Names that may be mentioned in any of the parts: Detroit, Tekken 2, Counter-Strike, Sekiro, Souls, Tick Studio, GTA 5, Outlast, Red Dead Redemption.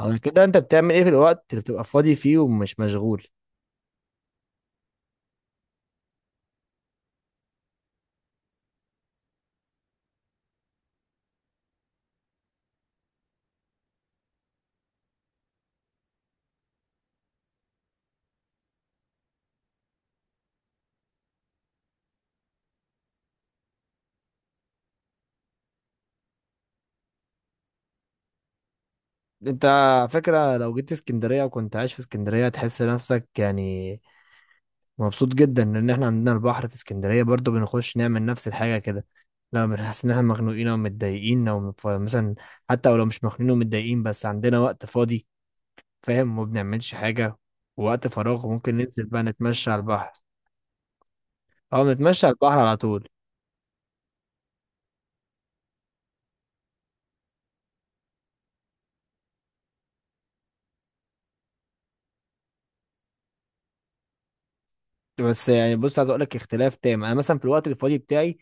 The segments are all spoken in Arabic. على كده انت بتعمل ايه في الوقت اللي بتبقى فاضي فيه ومش مشغول؟ انت على فكرة لو جيت اسكندرية وكنت عايش في اسكندرية تحس نفسك يعني مبسوط جدا، لان احنا عندنا البحر في اسكندرية. برضو بنخش نعمل نفس الحاجة كده لما بنحس ان احنا مخنوقين او متضايقين او مثلا حتى ولو مش مخنوقين ومتضايقين بس عندنا وقت فاضي، فاهم؟ ما بنعملش حاجة. ووقت فراغ ممكن ننزل بقى نتمشى على البحر، او نتمشى على البحر على طول. بس يعني بص، عايز اقول لك اختلاف تام. انا مثلا في الوقت الفاضي بتاعي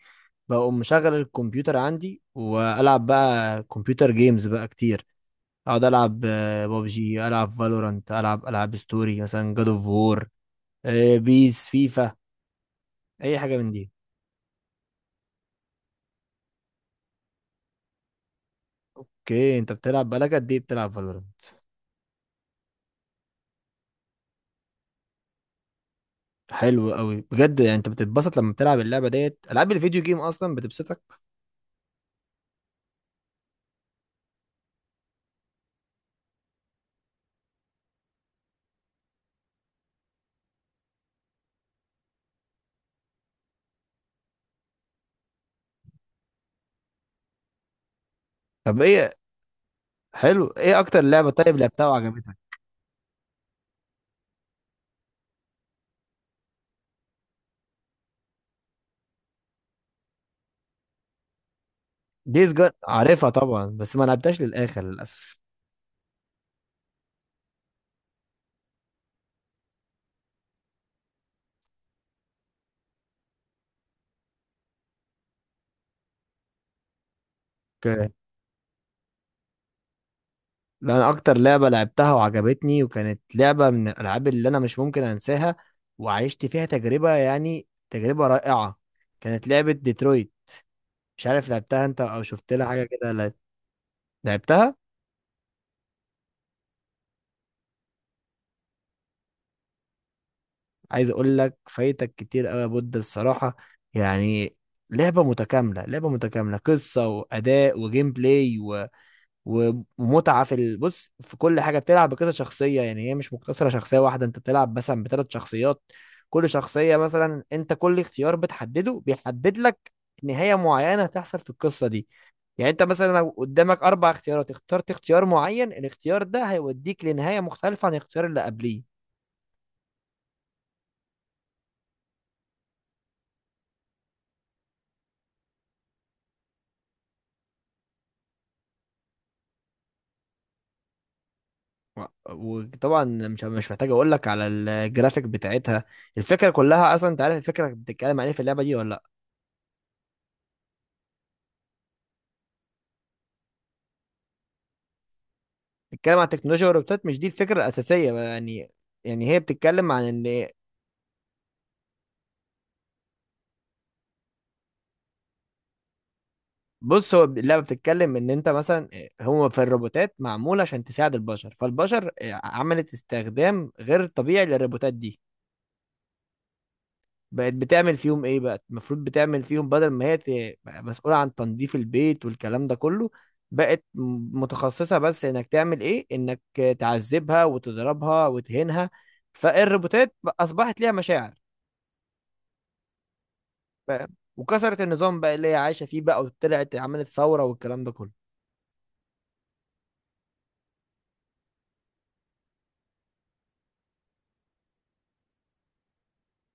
بقوم مشغل الكمبيوتر عندي، والعب بقى كمبيوتر جيمز بقى كتير. اقعد العب ببجي، العب فالورانت، العب العاب ستوري مثلا جاد اوف وور، بيس، فيفا، اي حاجه من دي. اوكي، انت بتلعب بقالك قد ايه بتلعب فالورانت؟ حلو قوي بجد. يعني انت بتتبسط لما بتلعب اللعبه ديت؟ العاب الفيديو جيم اصلا بتبسطك؟ طب ايه حلو، ايه اكتر لعبه طيب لعبتها وعجبتك؟ ديز جون عارفها طبعا، بس ما لعبتهاش للاخر للاسف. اوكي، ده انا اكتر لعبه لعبتها وعجبتني وكانت لعبه من الالعاب اللي انا مش ممكن انساها، وعشت فيها تجربه يعني تجربه رائعه، كانت لعبه ديترويت. مش عارف لعبتها انت او شفت لها حاجه كده لعبتها؟ عايز اقول لك فايتك كتير قوي يا بود الصراحه. يعني لعبه متكامله، لعبه متكامله، قصه واداء وجيم بلاي، ومتعه في بص في كل حاجه. بتلعب بكذا شخصيه، يعني هي مش مقتصره شخصيه واحده، انت بتلعب مثلا بثلاث شخصيات. كل شخصيه مثلا انت كل اختيار بتحدده بيحدد لك نهايه معينه هتحصل في القصه دي. يعني انت مثلا لو قدامك اربع اختيارات اخترت اختيار معين، الاختيار ده هيوديك لنهايه مختلفه عن الاختيار اللي قبليه. وطبعا مش محتاج اقول لك على الجرافيك بتاعتها. الفكره كلها اصلا انت عارف الفكره بتتكلم عليه في اللعبه دي ولا؟ بتتكلم عن التكنولوجيا والروبوتات، مش دي الفكره الاساسيه بقى يعني. يعني هي بتتكلم عن ان، بص، هو اللعبه بتتكلم ان انت مثلا هو في الروبوتات معموله عشان تساعد البشر، فالبشر عملت استخدام غير طبيعي للروبوتات دي. بقت بتعمل فيهم ايه بقى؟ المفروض بتعمل فيهم بدل ما هي بقى مسؤوله عن تنظيف البيت والكلام ده كله، بقت متخصصه بس انك تعمل ايه، انك تعذبها وتضربها وتهينها. فالروبوتات اصبحت ليها مشاعر، فاهم؟ وكسرت النظام بقى اللي هي عايشه فيه بقى، وطلعت عملت ثوره والكلام ده كله.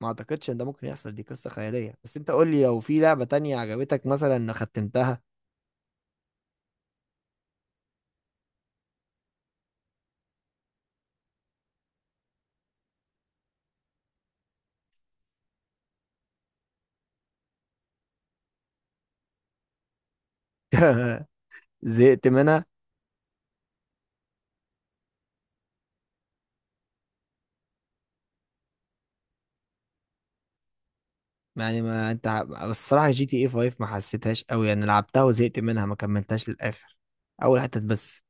ما اعتقدش ان ده ممكن يحصل، دي قصه خياليه. بس انت قول لي، لو في لعبه تانية عجبتك مثلا ختمتها. زهقت منها. يعني ما انت، بس الصراحه جي تي اي 5 ما حسيتهاش قوي يعني، لعبتها وزهقت منها، ما كملتهاش للاخر، اول حتت بس.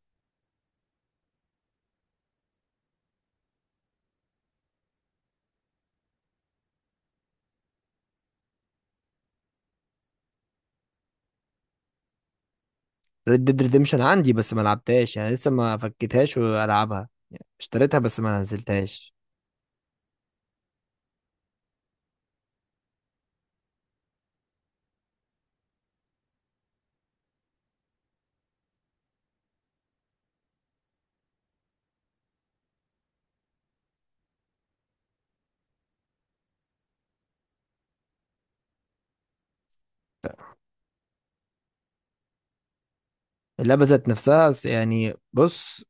ريد ديد ريديمشن عندي بس ما لعبتهاش يعني، لسه ما فكيتهاش والعبها يعني، اشتريتها بس ما نزلتهاش. اللعبه ذات نفسها يعني بص،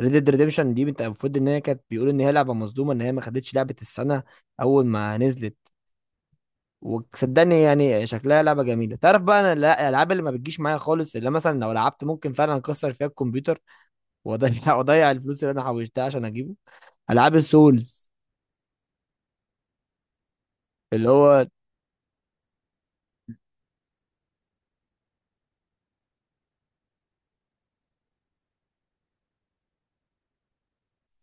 ريد ديد ريديمشن دي انت المفروض ان هي كانت بيقولوا ان هي لعبه مظلومه، ان هي ما خدتش لعبه السنه اول ما نزلت. وصدقني يعني شكلها لعبه جميله. تعرف بقى انا الالعاب اللي ما بتجيش معايا خالص، اللي مثلا لو لعبت ممكن فعلا اكسر فيها الكمبيوتر واضيع واضيع الفلوس اللي انا حوشتها عشان اجيبه؟ العاب السولز، اللي هو،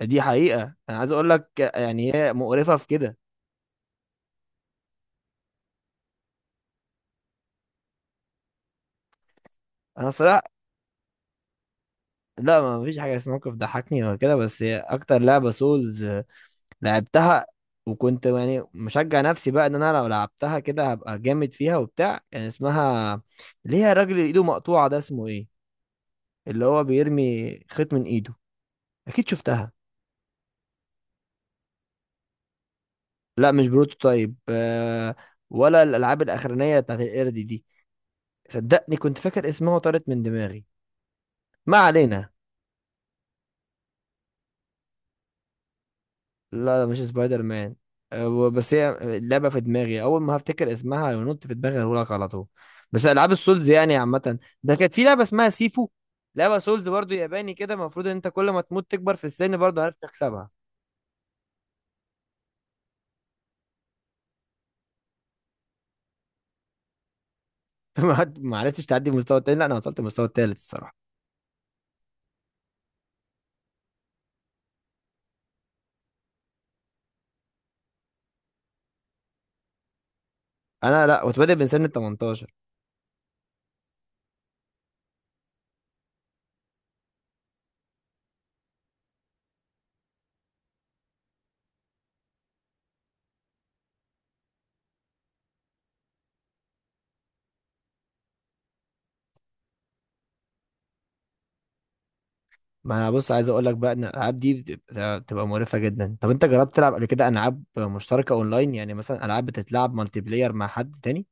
دي حقيقه انا عايز اقول لك يعني هي مقرفه في كده. انا صراحه لا، ما فيش حاجه اسمها موقف ضحكني ولا كده، بس هي اكتر لعبه سولز لعبتها، وكنت يعني مشجع نفسي بقى ان انا لو لعبتها كده هبقى جامد فيها وبتاع. كان اسمها، اللي هي الراجل اللي ايده مقطوعة ده، اسمه ايه؟ اللي هو بيرمي خيط من ايده، اكيد شفتها. لا مش بروتوتايب، ولا الالعاب الاخرانية بتاعت القرد دي. صدقني كنت فاكر اسمها وطارت من دماغي، ما علينا. لا لا مش سبايدر مان. بس هي اللعبه في دماغي، اول ما هفتكر اسمها ونط في دماغي هقول لك على طول. بس العاب السولز يعني عامه، ده كانت في لعبه اسمها سيفو، لعبه سولز برضو ياباني كده، المفروض ان انت كل ما تموت تكبر في السن، برضو عرفت تكسبها؟ ما عرفتش تعدي المستوى التاني؟ لا انا وصلت المستوى التالت الصراحه. انا لا كنت بادئ من سن 18. ما انا بص عايز اقول لك بقى ان الالعاب دي بتبقى مقرفه جدا. طب انت جربت تلعب قبل كده العاب مشتركه اونلاين، يعني مثلا العاب بتتلعب مالتي بلاير مع حد تاني؟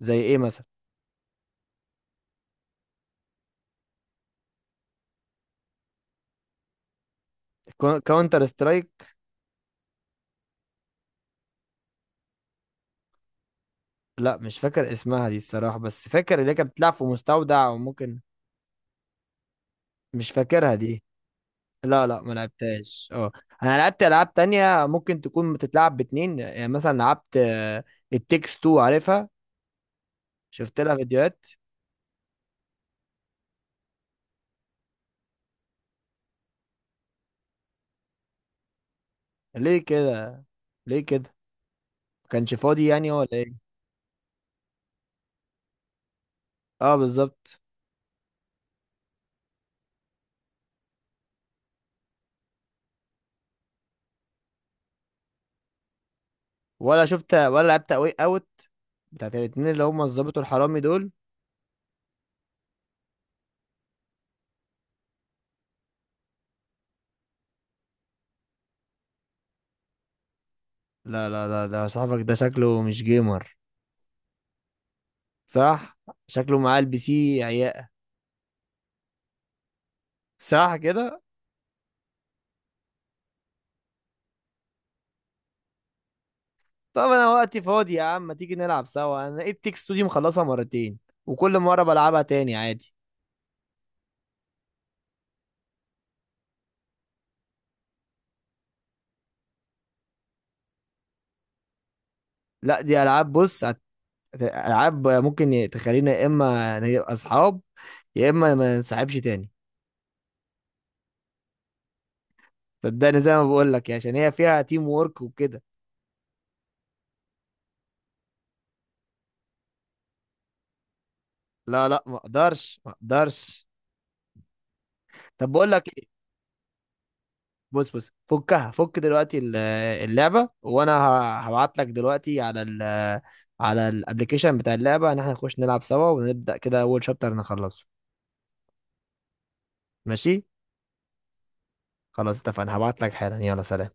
زي ايه مثلا؟ كاونتر سترايك؟ لا مش فاكر اسمها دي الصراحة، بس فاكر اللي هي كانت بتلعب في مستودع وممكن، مش فاكرها دي. لا لا ما لعبتهاش، اه. انا لعبت العاب تانية ممكن تكون بتتلعب باتنين، يعني مثلا لعبت التكس 2، عارفها؟ شفت لها فيديوهات؟ ليه كده؟ ليه كده؟ ما كانش فاضي يعني ولا ايه؟ اه بالظبط. ولا شفت ولا لعبت اوي اوت، بتاعت الاتنين اللي هم الظابط والحرامي دول؟ لا لا لا، ده صاحبك ده شكله مش جيمر، صح؟ شكله معاه البي سي ساعة كده. طب انا وقتي فاضي يا عم، ما تيجي نلعب سوا؟ انا لقيت تيك ستوديو مخلصها مرتين، وكل مرة بلعبها تاني عادي. لا دي العاب، بص العاب ممكن تخلينا يا اما نبقى اصحاب يا اما ما ننسحبش تاني. صدقني زي ما بقول لك، عشان هي فيها تيم وورك وكده. لا لا، ما اقدرش ما اقدرش. طب بقول لك، بص بص، فكها، فك دلوقتي اللعبه، وانا هبعت لك دلوقتي على على الابلكيشن بتاع اللعبه ان احنا نخش نلعب سوا، ونبدا كده اول شابتر نخلصه. ماشي، خلاص اتفقنا، هبعت لك حالا، يلا سلام.